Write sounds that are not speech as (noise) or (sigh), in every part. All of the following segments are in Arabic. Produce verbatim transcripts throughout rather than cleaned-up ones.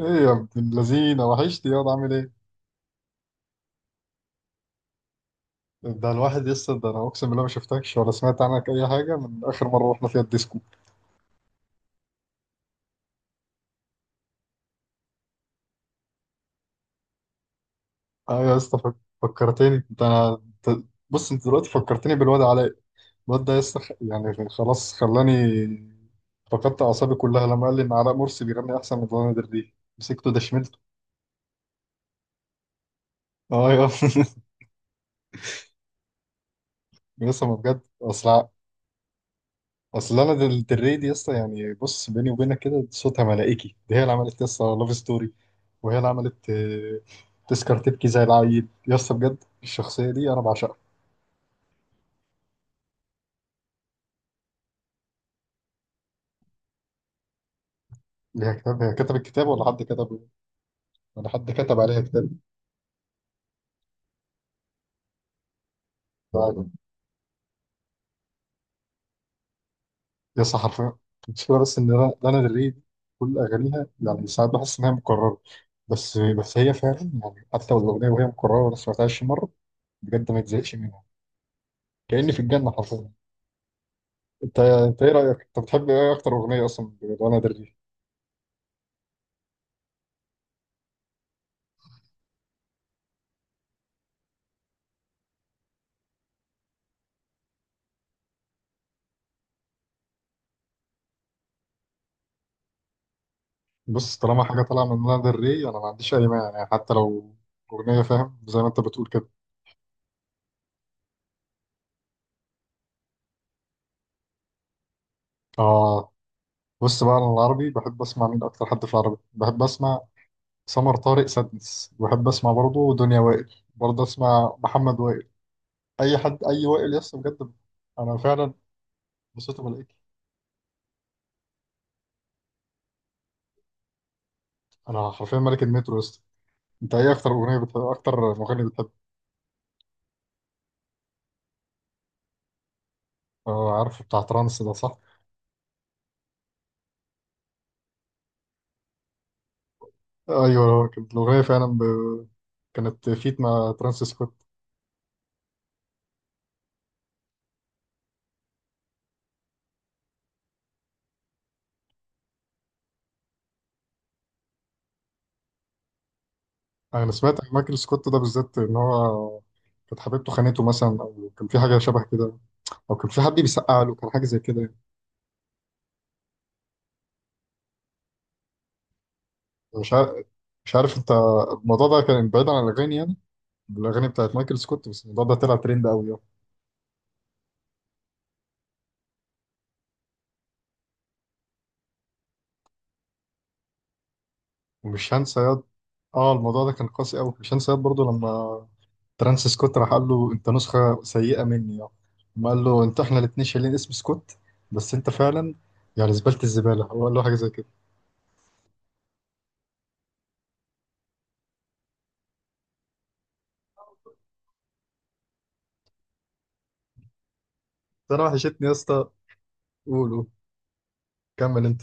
ايه يا ابن اللذينه وحشتي يا واد، عامل ايه؟ ده الواحد يسطا ده انا اقسم بالله ما شفتكش ولا سمعت عنك اي حاجه من اخر مره رحنا فيها الديسكو. ايوه يا اسطى فك- فكرتني انت انا. أنت- بص انت دلوقتي فكرتني بالواد علاء. الواد ده يا اسطى خ- يعني خلاص خلاني فقدت اعصابي كلها لما قال لي ان علاء مرسي بيغني احسن من لانا دري مسكته دشملته. اه يا (laughs) يا اسطى ما بجد اصل اصل انا دل- دري دي يسطا يعني بص بيني وبينك كده صوتها ملائكي، دي هي اللي عملت يسطا لاف ستوري، وهي اللي عملت آه، تذكر تبكي زي العيل يسطا، بجد الشخصية دي انا بعشقها. ليها كتاب؟ هي كتبت الكتاب ولا حد كتبه؟ ولا حد كتب عليها كتاب؟ يسطا حرفيا المشكلة بس ان انا لانا دري دي كل اغانيها يعني ساعات بحس انها مكررة. بس بس هي فعلا يعني حتى لو الاغنية وهي مكررة ولا سمعتهاش مرة بجد ما تزهقش منها. كأني في الجنة حرفيا. انت انت ايه رايك، انت بتحب ايه اكتر اغنيه اصلا لانا دري؟ بص طالما حاجه طالعه من لانا دري انا ما عنديش اي مانع، يعني حتى لو اغنيه فاهم زي ما انت بتقول كده. اه. بص بقى انا العربي بحب اسمع مين، اكتر حد في العربي بحب اسمع سمر طارق سادنس، بحب اسمع برضه دنيا وائل، برضه اسمع محمد وائل، اي حد اي وائل يس بجد. انا فعلا بصيت بلاقيك. انا حرفيا ملك المترو يس. انت ايه اكتر اغنيه بتحب، اكتر مغني بتحب؟ اه عارف بتاع ترانس ده صح؟ ايوه هو كانت الاغنيه فعلا ب... كانت فيت مع ترانس سكوت. انا سمعت عن مايكل سكوت ده بالذات ان هو كانت حبيبته خانته مثلا، او كان في حاجه شبه كده، او كان في حد بيسقع له كان حاجه زي كده يعني. مش عارف. مش عارف، انت الموضوع ده كان بعيد عن الاغاني يعني، الاغاني بتاعت مايكل سكوت بس الموضوع ده طلع ترند قوي يعني. ومش هنسى ياد، اه الموضوع ده كان قاسي قوي، مش هنسى ياد برضه لما ترانس سكوت راح قال له انت نسخه سيئه مني يعني، ما قال له انت احنا الاثنين شايلين اسم سكوت بس انت فعلا يعني زباله، الزباله هو قال له حاجه زي كده. انا وحشتني يا اسطى. قول قول. كمل انت.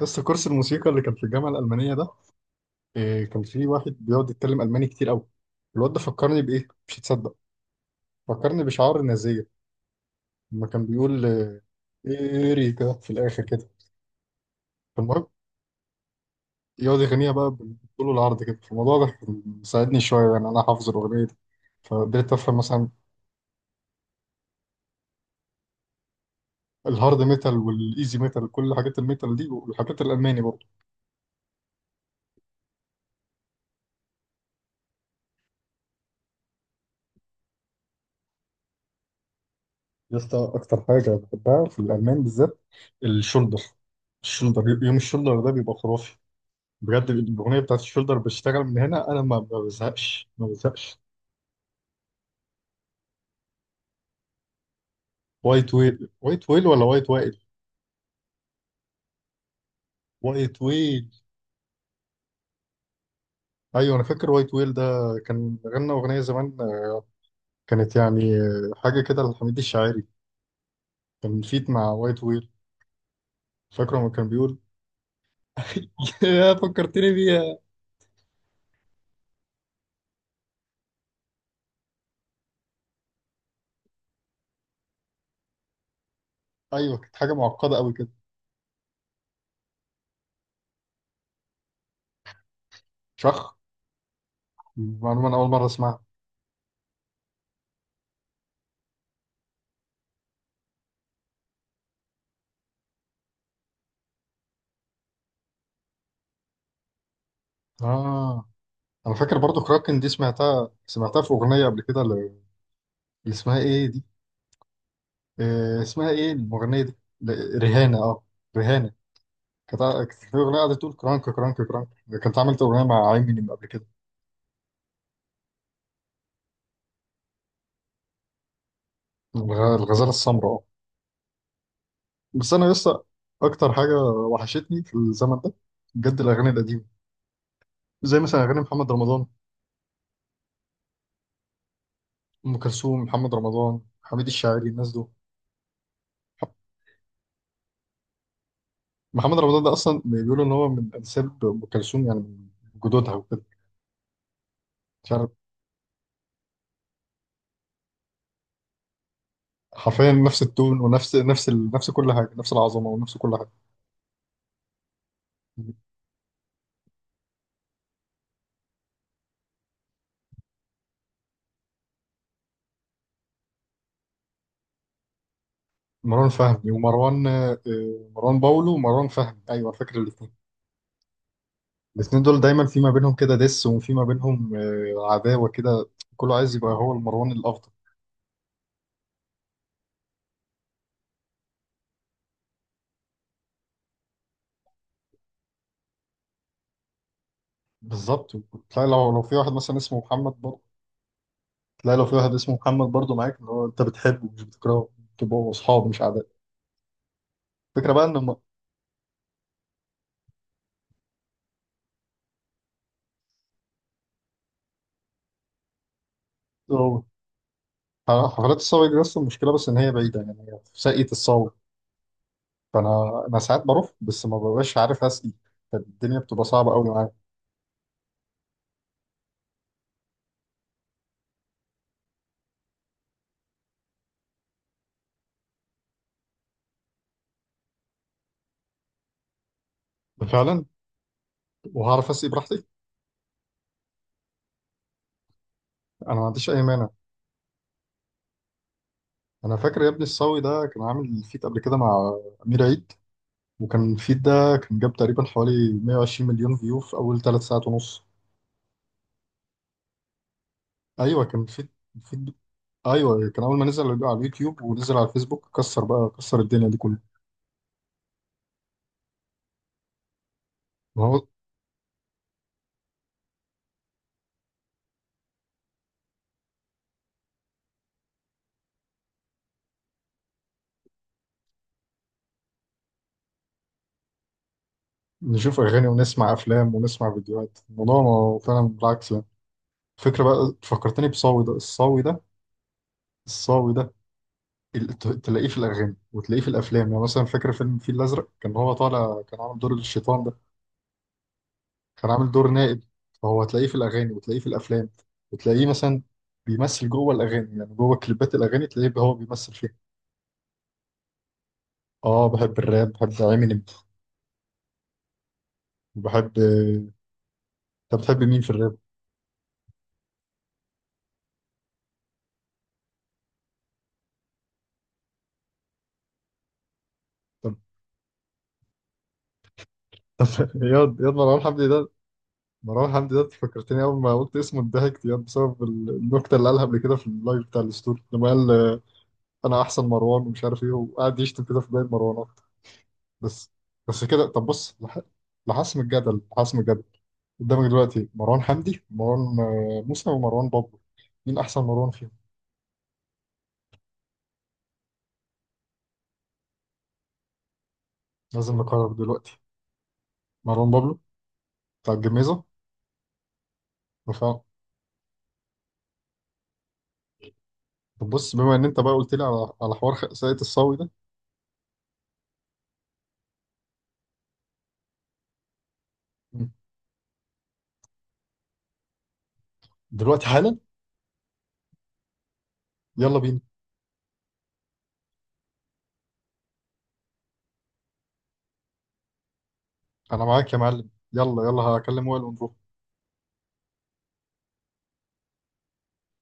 يا اسطى كورس الموسيقى اللي كان في الجامعه الالمانيه ده إيه، كان في واحد بيقعد يتكلم الماني كتير قوي. الواد ده فكرني بايه مش هتصدق، فكرني بشعار النازيه. لما كان بيقول آه، ايريكا في الاخر كده. المهم يقعد يغنيها بقى بالطول والعرض كده، الموضوع ده كان مساعدني شويه يعني انا حافظ الاغنيه دي. فقدرت افهم مثلا. الهارد ميتال والايزي ميتال كل حاجات الميتال دي والحاجات الالماني برضه. يا اسطى اكتر حاجه بحبها في الالمان بالذات، الشولدر. الشولدر، يوم الشولدر ده بيبقى خرافي. بجد الاغنيه بتاعت الشولدر بشتغل من هنا، انا ما ما بزهقش ما بزهقش. وايت ويل، وايت ويل ولا وايت وائل؟ وايت ويل. ايوه انا فاكر وايت ويل ده، كان غنى اغنيه زمان، كانت يعني حاجه كده لحميد الشاعري، كان فيت مع وايت ويل. فاكره لما كان بيقول (laughs) يا فكرتني بيها. ايوه كانت حاجه معقده قوي كده. شخ. معلومة أنا أول مرة أسمعها. آه أنا فاكر برضو كراكن دي، سمعتها سمعتها في أغنية قبل كده، اللي اللي اسمها إيه دي؟ آه اسمها إيه المغنية دي؟ ل- ريهانة، آه. ريهانة كانت كانت في أغنية قاعدة تقول كرانك كرانك كرانك. كانت عملت أغنية مع إيمينيم قبل كده. الغ- الغزالة السمراء، آه. بس أنا لسه أكتر حاجة وحشتني في الزمن ده بجد، الأغاني القديمة زي مثلا أغاني محمد رمضان. أم كلثوم، محمد رمضان، حميد الشاعري، الناس دول. محمد رمضان ده اصلا بيقولوا ان هو من انساب ام كلثوم يعني، من جدودها وكده. مش عارف. حرفيا نفس التون، ونفس نفس ال... نفس كل حاجه، نفس العظمه ونفس كل حاجه. مروان فهمي ومروان آه، مروان باولو ومروان فهمي، ايوه أنا فاكر الاثنين. الاثنين دول دايما في ما بينهم كده دس، وفي ما بينهم آه، عداوه كده، كله عايز يبقى هو المروان الافضل. بالظبط. تلاقي لو لو في واحد مثلا اسمه محمد برضه. تلاقي لو في واحد اسمه محمد برضه معاك اللي هو انت بتحبه مش بتكرهه، تبقوا اصحاب مش اعداء. الفكره بقى ان هم- آه، حفلات الصاوي دي، بس المشكلة بس إن هي بعيدة، يعني هي في ساقية الصاوي. فأنا أنا ساعات بروح بس ما ببقاش عارف أسقي، فالدنيا بتبقى صعبة أوي معايا. فعلا وهعرف أسقي براحتي. أنا ما عنديش أي مانع. أنا فاكر يا ابني الصاوي ده كان عامل فيت قبل كده مع أمير عيد. وكان الفيت ده كان جاب تقريبا حوالي 120 مليون فيو في أول ثلاث ساعات ونص. أيوه كان فيت. فيت أيوه كان أول ما نزل على اليوتيوب ونزل على الفيسبوك كسر بقى، كسر الدنيا دي كلها. نشوف أغاني ونسمع أفلام ونسمع فيديوهات، الموضوع ما- فعلا بالعكس يعني. الفكرة بقى فكرتني بصاوي ده. الصاوي ده الصاوي ده ال- ت- تلاقيه في الأغاني وتلاقيه في الأفلام، يعني مثلا فاكر فيلم الفيل الأزرق كان هو طالع كان عامل دور الشيطان ده، كان عامل دور نائب. فهو هتلاقيه في الأغاني وتلاقيه في الأفلام، وتلاقيه مثلا بيمثل جوه الأغاني، يعني جوه كليبات الأغاني تلاقيه هو بيمثل فيها. آه بحب الراب، بحب إمينيم. بحب. طب بتحب مين في الراب؟ طب طب (laughs) إياد إياد، مروان حمدي ده. مروان حمدي ده فكرتني أول ما قلت اسمه، اتضحكت يعني بسبب ال- النكتة اللي قالها قبل كده في اللايف بتاع الستوري لما قال آه، أنا أحسن مروان ومش عارف إيه، وقعد يشتم كده في باقي المروانات. بس. بس كده. طب بص لح- لحسم الجدل، لحسم الجدل قدامك دلوقتي مروان حمدي، مروان آه، موسى، ومروان بابلو. مين أحسن مروان فيهم؟ لازم نقرر دلوقتي. مروان بابلو بتاع الجميزة. رفاعة. طب بص بما إن أنت بقى قلت لي على على حوار ساقية الصاوي ده. دلوقتي حالا. يلا بينا. أنا معاك يا معلم، يلا يلا هكلم وائل ونروح.